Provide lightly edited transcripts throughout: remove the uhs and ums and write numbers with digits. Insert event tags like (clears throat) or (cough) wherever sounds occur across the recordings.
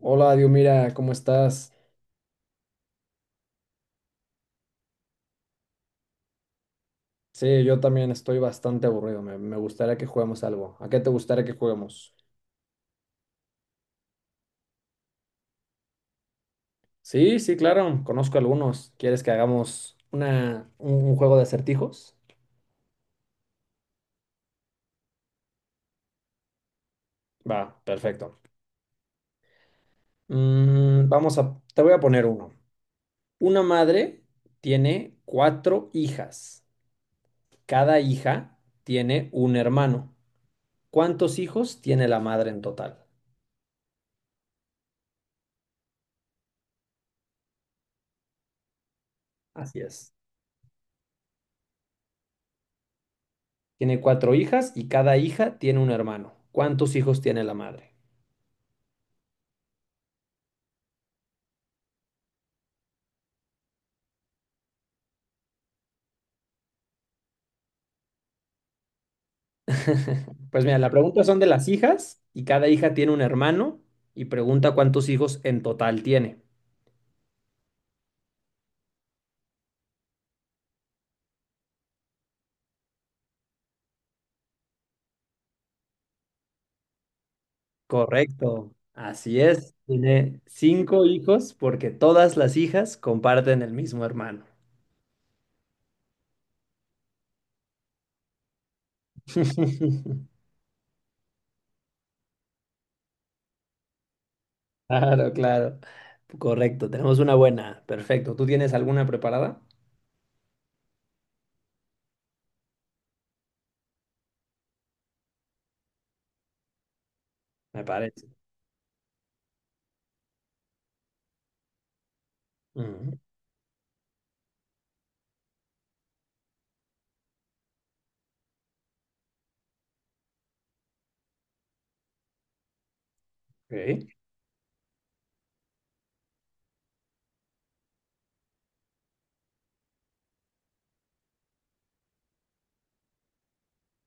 Hola, Dios, mira, ¿cómo estás? Sí, yo también estoy bastante aburrido. Me gustaría que juguemos algo. ¿A qué te gustaría que juguemos? Sí, sí, claro, conozco algunos. ¿Quieres que hagamos un juego de acertijos? Va, perfecto. Te voy a poner uno. Una madre tiene cuatro hijas. Cada hija tiene un hermano. ¿Cuántos hijos tiene la madre en total? Así es. Tiene cuatro hijas y cada hija tiene un hermano. ¿Cuántos hijos tiene la madre? (laughs) Pues mira, la pregunta son de las hijas y cada hija tiene un hermano y pregunta cuántos hijos en total tiene. Correcto, así es. Tiene cinco hijos porque todas las hijas comparten el mismo hermano. (laughs) Claro, claro. Correcto, tenemos una buena. Perfecto. ¿Tú tienes alguna preparada? Me parece. Ujú, ok,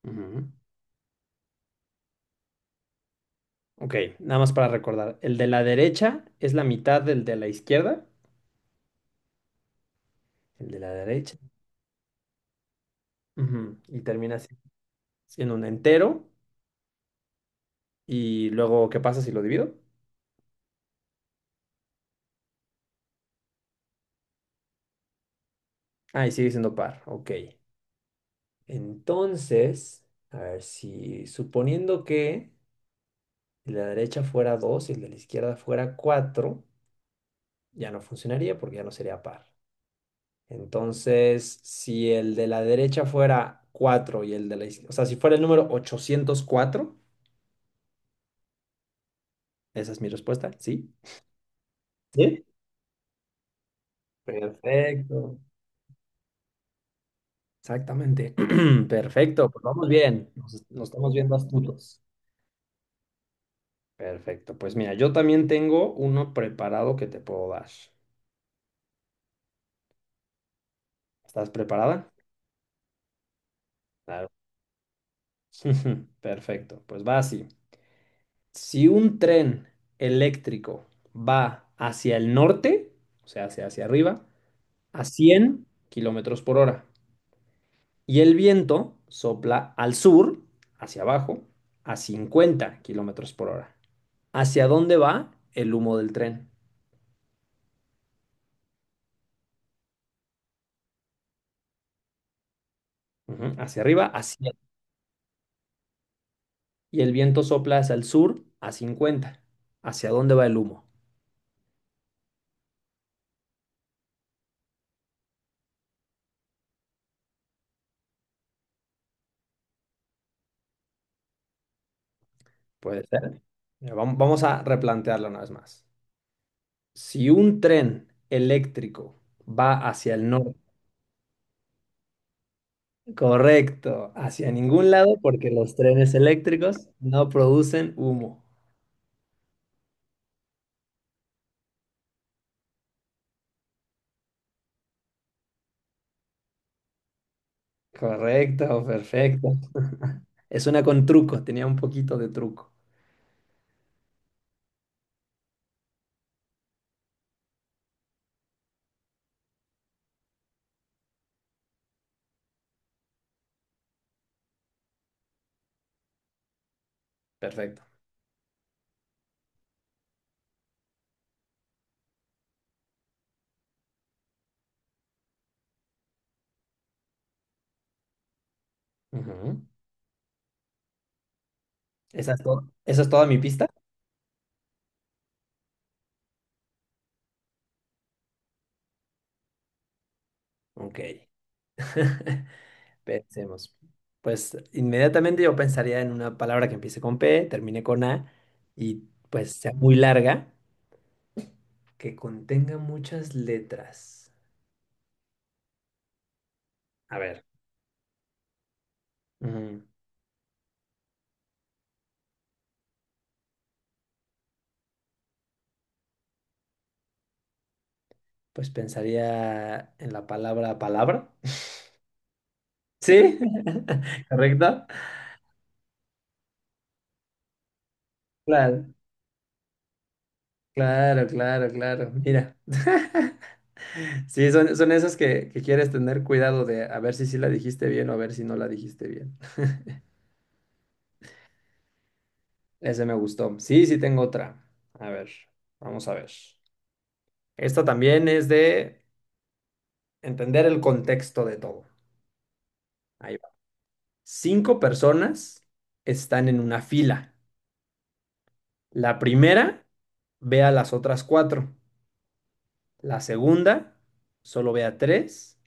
ujú. Ok, nada más para recordar. El de la derecha es la mitad del de la izquierda. El de la derecha. Ujú. Y termina siendo un entero. Y luego, ¿qué pasa si lo divido? Ah, y sigue siendo par. Ok. Entonces, a ver si suponiendo que el de la derecha fuera 2 y el de la izquierda fuera 4, ya no funcionaría porque ya no sería par. Entonces, si el de la derecha fuera 4 y el de la izquierda, o sea, si fuera el número 804, esa es mi respuesta, sí. ¿Sí? Perfecto, exactamente. (clears throat) Perfecto, pues vamos bien, nos estamos viendo astutos. Perfecto, pues mira, yo también tengo uno preparado que te puedo dar. ¿Estás preparada? Claro. (laughs) Perfecto, pues va así. Si un tren eléctrico va hacia el norte, o sea, hacia arriba, a 100 kilómetros por hora, y el viento sopla al sur, hacia abajo, a 50 kilómetros por hora. ¿Hacia dónde va el humo del tren? Ujú. Hacia arriba. Y el viento sopla hacia el sur a 50. ¿Hacia dónde va el humo? Puede ser. Mira, vamos a replantearlo una vez más. Si un tren eléctrico va hacia el norte, correcto, hacia ningún lado, porque los trenes eléctricos no producen humo. Correcto, perfecto. Es una con truco, tenía un poquito de truco. Perfecto. Ujú. ¿Esa es toda mi pista? Ok. (laughs) Pensemos. Pues inmediatamente yo pensaría en una palabra que empiece con P, termine con A y pues sea muy larga, que contenga muchas letras. A ver. mm, Pues pensaría en la palabra palabra. (laughs) ¿Sí? (laughs) ¿Correcto? Claro, claro, claro, claro. Mira. (laughs) Sí, son esas que quieres tener cuidado de a ver si sí la dijiste bien o a ver si no la dijiste bien. Ese me gustó. Sí, sí tengo otra. A ver, vamos a ver. Esta también es de entender el contexto de todo. Ahí va. Cinco personas están en una fila. La primera ve a las otras cuatro. La segunda solo ve a tres.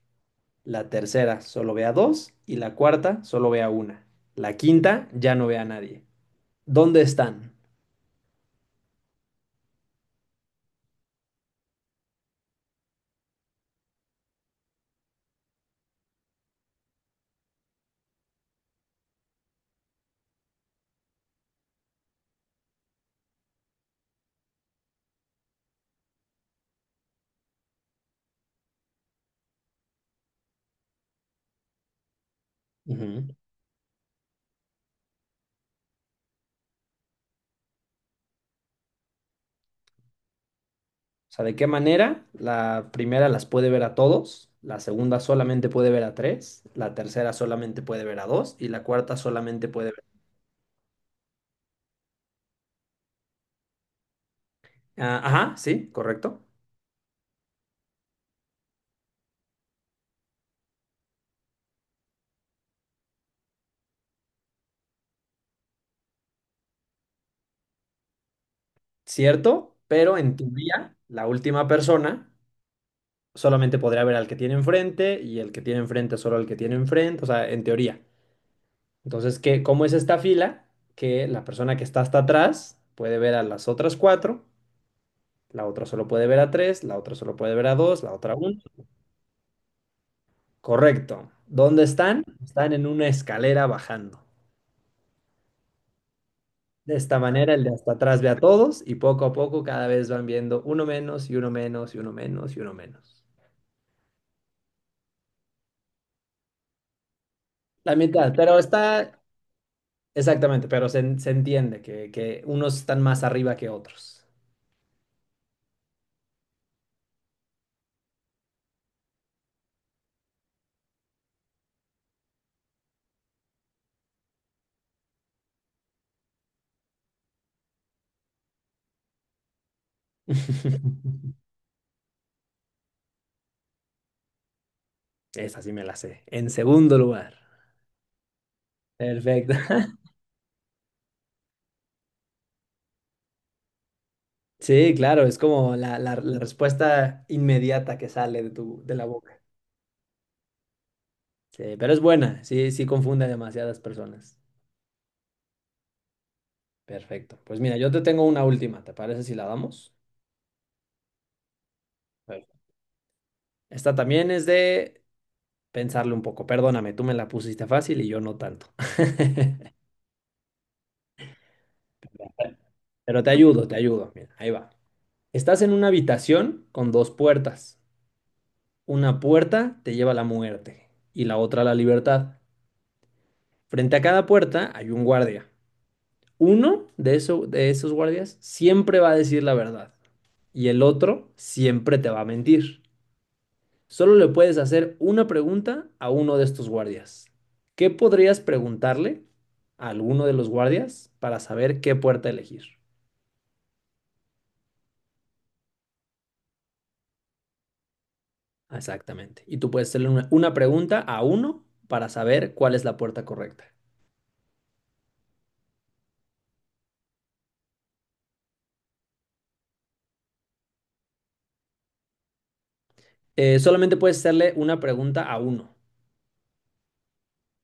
La tercera solo ve a dos. Y la cuarta solo ve a una. La quinta ya no ve a nadie. ¿Dónde están? Ujú. O sea, ¿de qué manera? La primera las puede ver a todos, la segunda solamente puede ver a tres, la tercera solamente puede ver a dos y la cuarta solamente puede ver. Ah, ajá, sí, correcto. Cierto, pero en teoría, la última persona solamente podría ver al que tiene enfrente y el que tiene enfrente solo al que tiene enfrente, o sea, en teoría. Entonces, ¿qué, cómo es esta fila? Que la persona que está hasta atrás puede ver a las otras cuatro, la otra solo puede ver a tres, la otra solo puede ver a dos, la otra a. Correcto. ¿Dónde están? Están en una escalera bajando. De esta manera, el de hasta atrás ve a todos y poco a poco cada vez van viendo uno menos y uno menos y uno menos y uno menos. La mitad, pero está exactamente, pero se entiende que, unos están más arriba que otros. (laughs) Esa sí me la sé. En segundo lugar. Perfecto. (laughs) Sí, claro, es como la, la respuesta inmediata que sale de la boca. Sí, pero es buena, sí, sí confunde a demasiadas personas. Perfecto. Pues mira, yo te tengo una última, ¿te parece si la damos? Perfecto. Esta también es de pensarle un poco. Perdóname, tú me la pusiste fácil y yo no tanto. (laughs) Pero te ayudo, te ayudo. Mira, ahí va. Estás en una habitación con dos puertas. Una puerta te lleva a la muerte y la otra a la libertad. Frente a cada puerta hay un guardia. Uno de esos guardias siempre va a decir la verdad y el otro siempre te va a mentir. Solo le puedes hacer una pregunta a uno de estos guardias. ¿Qué podrías preguntarle a alguno de los guardias para saber qué puerta elegir? Exactamente. Y tú puedes hacerle una pregunta a uno para saber cuál es la puerta correcta. Solamente puedes hacerle una pregunta a uno.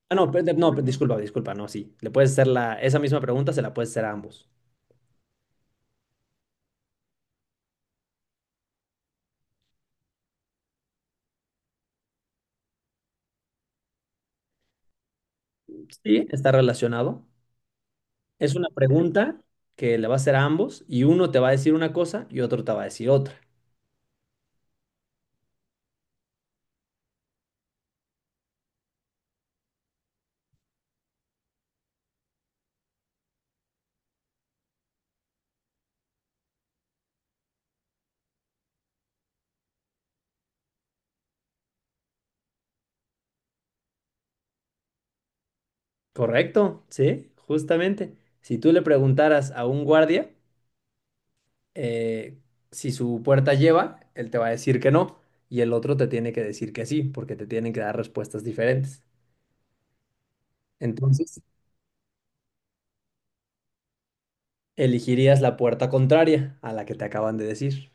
Ah, no, no, disculpa, disculpa, no, sí. Le puedes hacer esa misma pregunta, se la puedes hacer a ambos. Sí, está relacionado. Es una pregunta que le va a hacer a ambos y uno te va a decir una cosa y otro te va a decir otra. Correcto, sí, justamente. Si tú le preguntaras a un guardia eh, si su puerta lleva, él te va a decir que no y el otro te tiene que decir que sí, porque te tienen que dar respuestas diferentes. Entonces, elegirías la puerta contraria a la que te acaban de decir.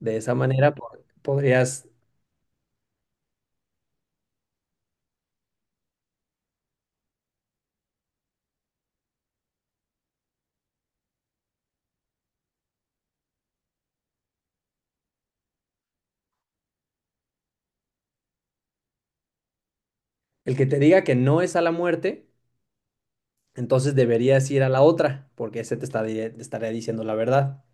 De esa manera, podrías, el que te diga que no es a la muerte, entonces deberías ir a la otra, porque ese te está dire- te estaría diciendo la verdad.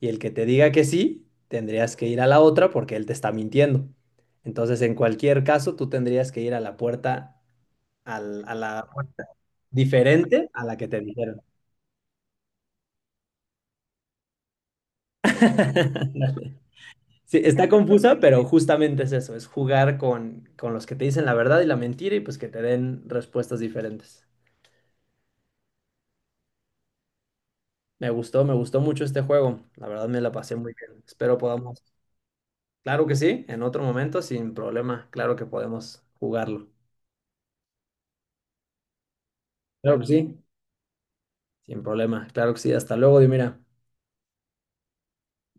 Y el que te diga que sí, tendrías que ir a la otra porque él te está mintiendo. Entonces, en cualquier caso, tú tendrías que ir a la puerta, a la puerta diferente a la que te dijeron. (laughs) Dale. Sí, está confusa, pero justamente es eso, es jugar con los que te dicen la verdad y la mentira y pues que te den respuestas diferentes. Me gustó mucho este juego. La verdad me la pasé muy bien. Espero podamos. Claro que sí, en otro momento, sin problema. Claro que podemos jugarlo. Claro que sí. Sin problema. Claro que sí. Hasta luego, Dimira.